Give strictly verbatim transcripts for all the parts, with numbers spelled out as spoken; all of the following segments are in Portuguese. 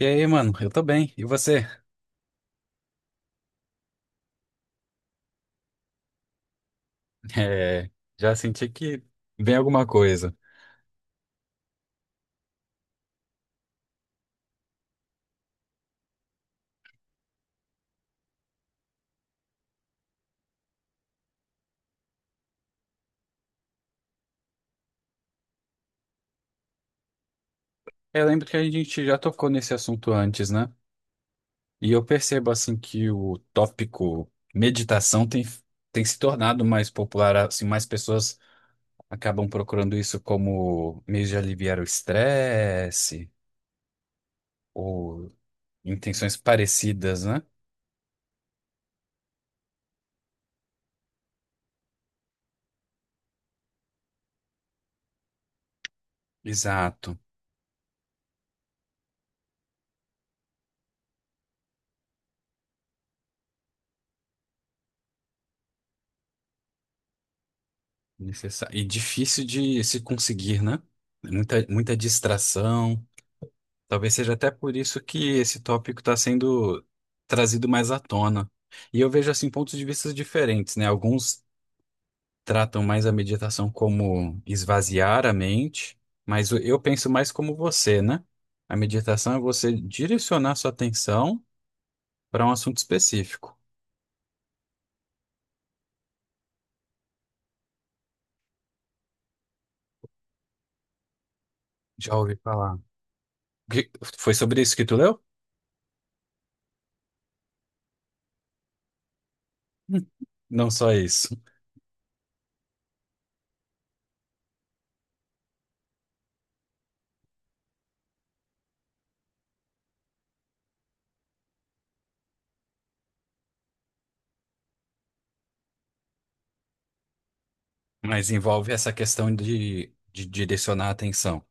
E aí, mano, eu tô bem. E você? É, já senti que vem alguma coisa. É, Eu lembro que a gente já tocou nesse assunto antes, né? E eu percebo, assim, que o tópico meditação tem, tem se tornado mais popular, assim, mais pessoas acabam procurando isso como meio de aliviar o estresse ou intenções parecidas, né? Exato. Necessa- E difícil de se conseguir, né? Muita, muita distração. Talvez seja até por isso que esse tópico está sendo trazido mais à tona. E eu vejo assim pontos de vista diferentes, né? Alguns tratam mais a meditação como esvaziar a mente, mas o- eu penso mais como você, né? A meditação é você direcionar sua atenção para um assunto específico. Já ouvi falar. Que- Foi sobre isso que tu leu? Não só isso, mas envolve essa questão de, de direcionar a atenção.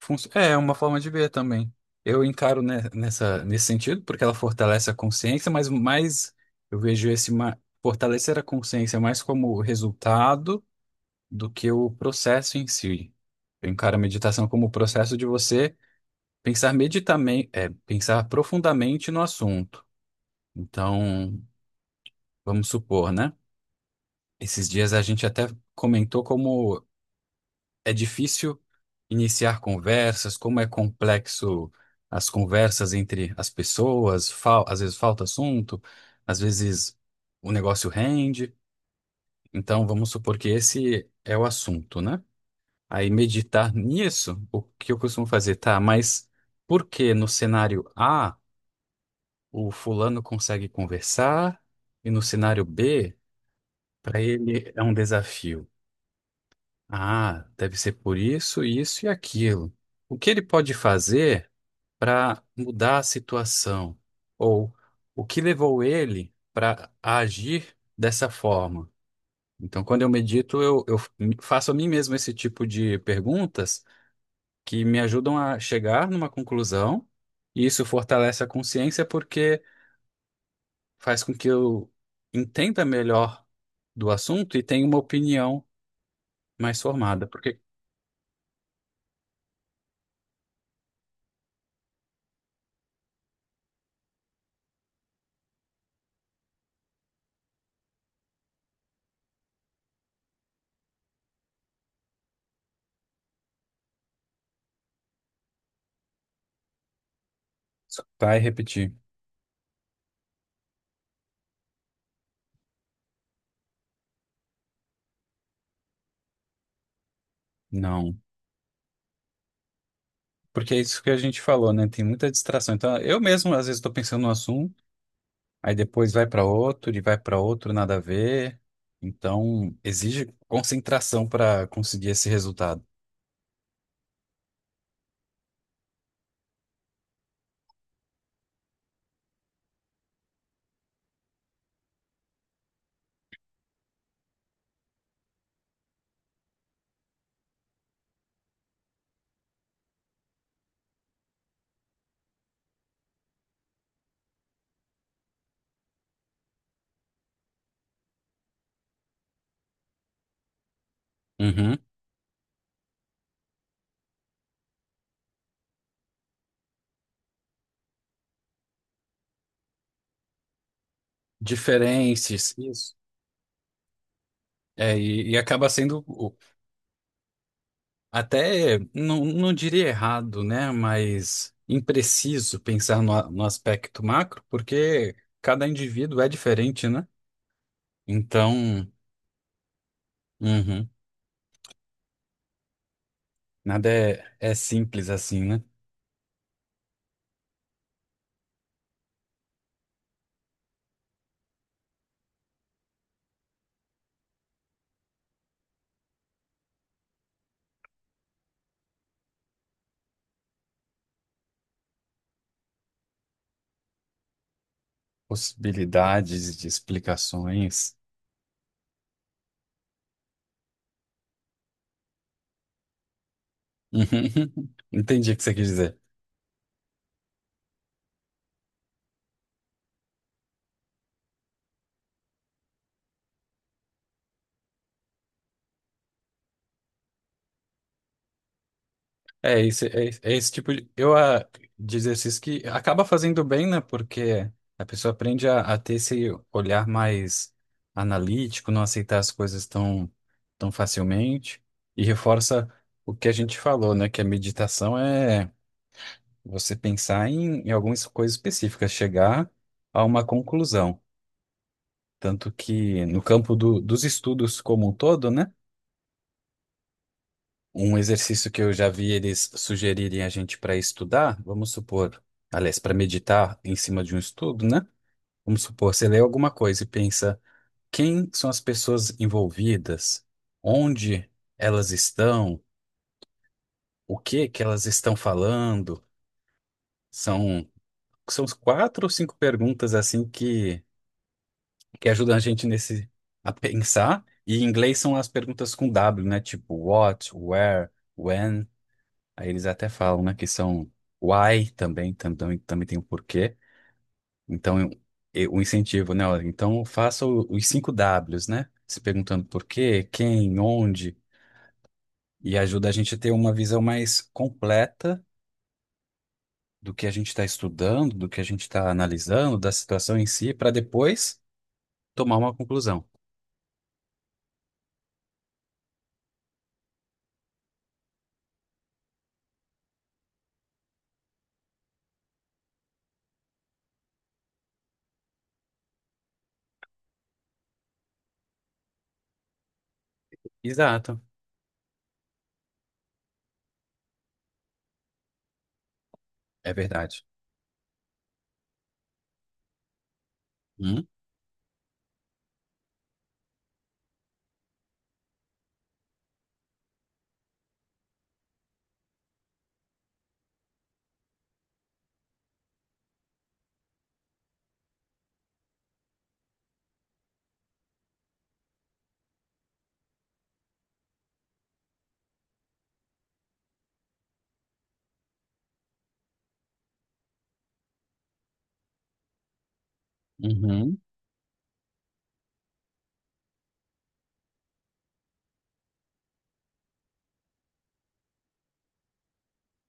Funci- É é uma forma de ver também. Eu encaro ne- nessa, nesse sentido, porque ela fortalece a consciência, mas mais eu vejo esse ma- fortalecer a consciência mais como resultado do que o processo em si. Eu encaro a meditação como o processo de você pensar meditamen- é, pensar profundamente no assunto. Então, vamos supor, né? Esses dias a gente até comentou como é difícil iniciar conversas, como é complexo as conversas entre as pessoas, fal- às vezes falta assunto, às vezes o negócio rende. Então, vamos supor que esse é o assunto, né? Aí, meditar nisso, o que eu costumo fazer, tá? Mas por que no cenário A o fulano consegue conversar e no cenário B, para ele é um desafio? Ah, deve ser por isso, isso e aquilo. O que ele pode fazer para mudar a situação? Ou o que levou ele para agir dessa forma? Então, quando eu medito, eu, eu faço a mim mesmo esse tipo de perguntas que me ajudam a chegar numa conclusão, e isso fortalece a consciência porque faz com que eu entenda melhor do assunto e tenha uma opinião mais formada. Porque vai repetir. Não. Porque é isso que a gente falou, né? Tem muita distração. Então, eu mesmo, às vezes, estou pensando num assunto, aí depois vai para outro e vai para outro, nada a ver. Então, exige concentração para conseguir esse resultado. Uhum. Diferentes. Isso. É, e, e acaba sendo o- até, não, não diria errado, né? Mas impreciso pensar no, a- no aspecto macro, porque cada indivíduo é diferente, né? Então, uhum, nada é, é simples assim, né? Possibilidades de explicações. Uhum. Entendi o que você quis dizer. É esse, é, esse é esse tipo de, eu, ah, de exercício que acaba fazendo bem, né? Porque a pessoa aprende a, a ter esse olhar mais analítico, não aceitar as coisas tão, tão facilmente e reforça o que a gente falou, né? Que a meditação é você pensar em, em algumas coisas específicas, chegar a uma conclusão. Tanto que no campo do, dos estudos como um todo, né? Um exercício que eu já vi eles sugerirem a gente para estudar, vamos supor, aliás, para meditar em cima de um estudo, né? Vamos supor, você lê alguma coisa e pensa quem são as pessoas envolvidas, onde elas estão, o que que elas estão falando. São, são quatro ou cinco perguntas assim que, que ajudam a gente nesse a pensar. E em inglês são as perguntas com dáblio, né? Tipo what, where, when. Aí eles até falam, né, que são why também, tam- também, também tem um porquê. Então, eu- eu- o incentivo, né? Olha, então, faça o- os cinco dáblios, né? Se perguntando por quê, quem, onde, e ajuda a gente a ter uma visão mais completa do que a gente está estudando, do que a gente está analisando, da situação em si, para depois tomar uma conclusão. Exato, é verdade. Hum? Uhum.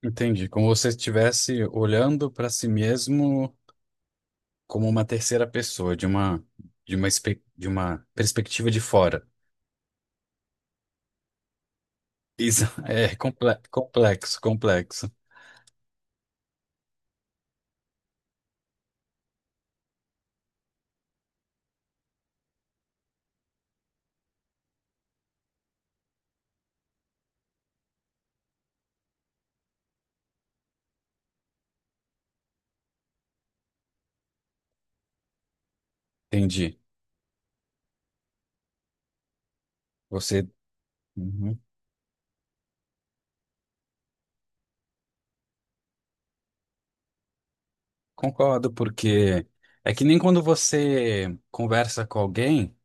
Entendi. Como se você estivesse olhando para si mesmo como uma terceira pessoa, de uma, de uma, espe- de uma perspectiva de fora. Isso é comple- complexo, complexo. Entendi. Você. Uhum. Concordo, porque é que nem quando você conversa com alguém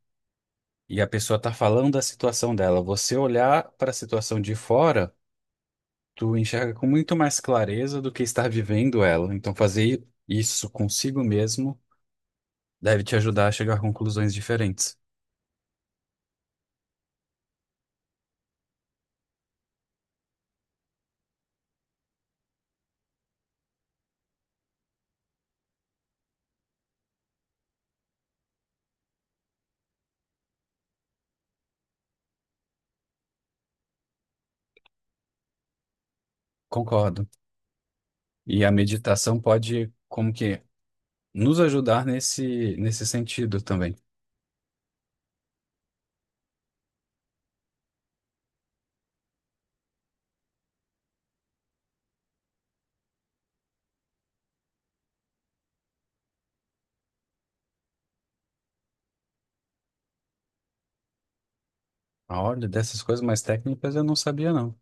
e a pessoa está falando da situação dela, você olhar para a situação de fora, tu enxerga com muito mais clareza do que estar vivendo ela. Então fazer isso consigo mesmo deve te ajudar a chegar a conclusões diferentes. Concordo. E a meditação pode, como que, nos ajudar nesse, nesse sentido também. Ah, olha, dessas coisas mais técnicas eu não sabia, não.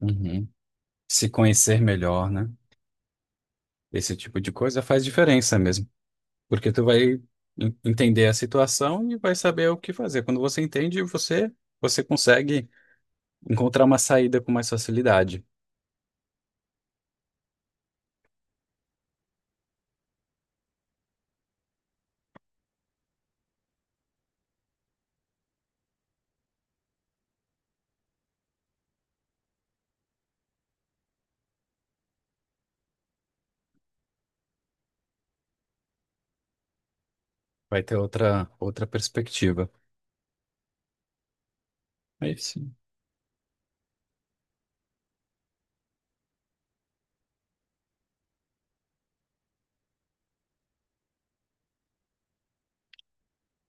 Uhum. Se conhecer melhor, né? Esse tipo de coisa faz diferença mesmo. Porque tu vai en- entender a situação e vai saber o que fazer. Quando você entende, você, você consegue encontrar uma saída com mais facilidade. Vai ter outra, outra perspectiva. É isso.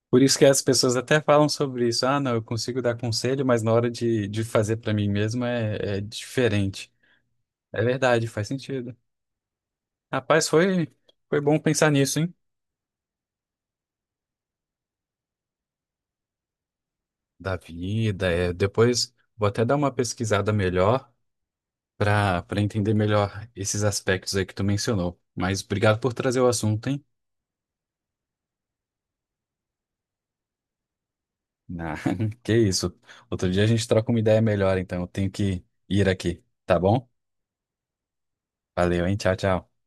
Por isso que as pessoas até falam sobre isso. Ah, não, eu consigo dar conselho, mas na hora de, de fazer para mim mesmo é, é diferente. É verdade, faz sentido. Rapaz, foi, foi bom pensar nisso, hein? Da vida, é. Depois vou até dar uma pesquisada melhor para para entender melhor esses aspectos aí que tu mencionou. Mas obrigado por trazer o assunto, hein? Ah, que isso. Outro dia a gente troca uma ideia melhor, então eu tenho que ir aqui, tá bom? Valeu, hein? Tchau, tchau.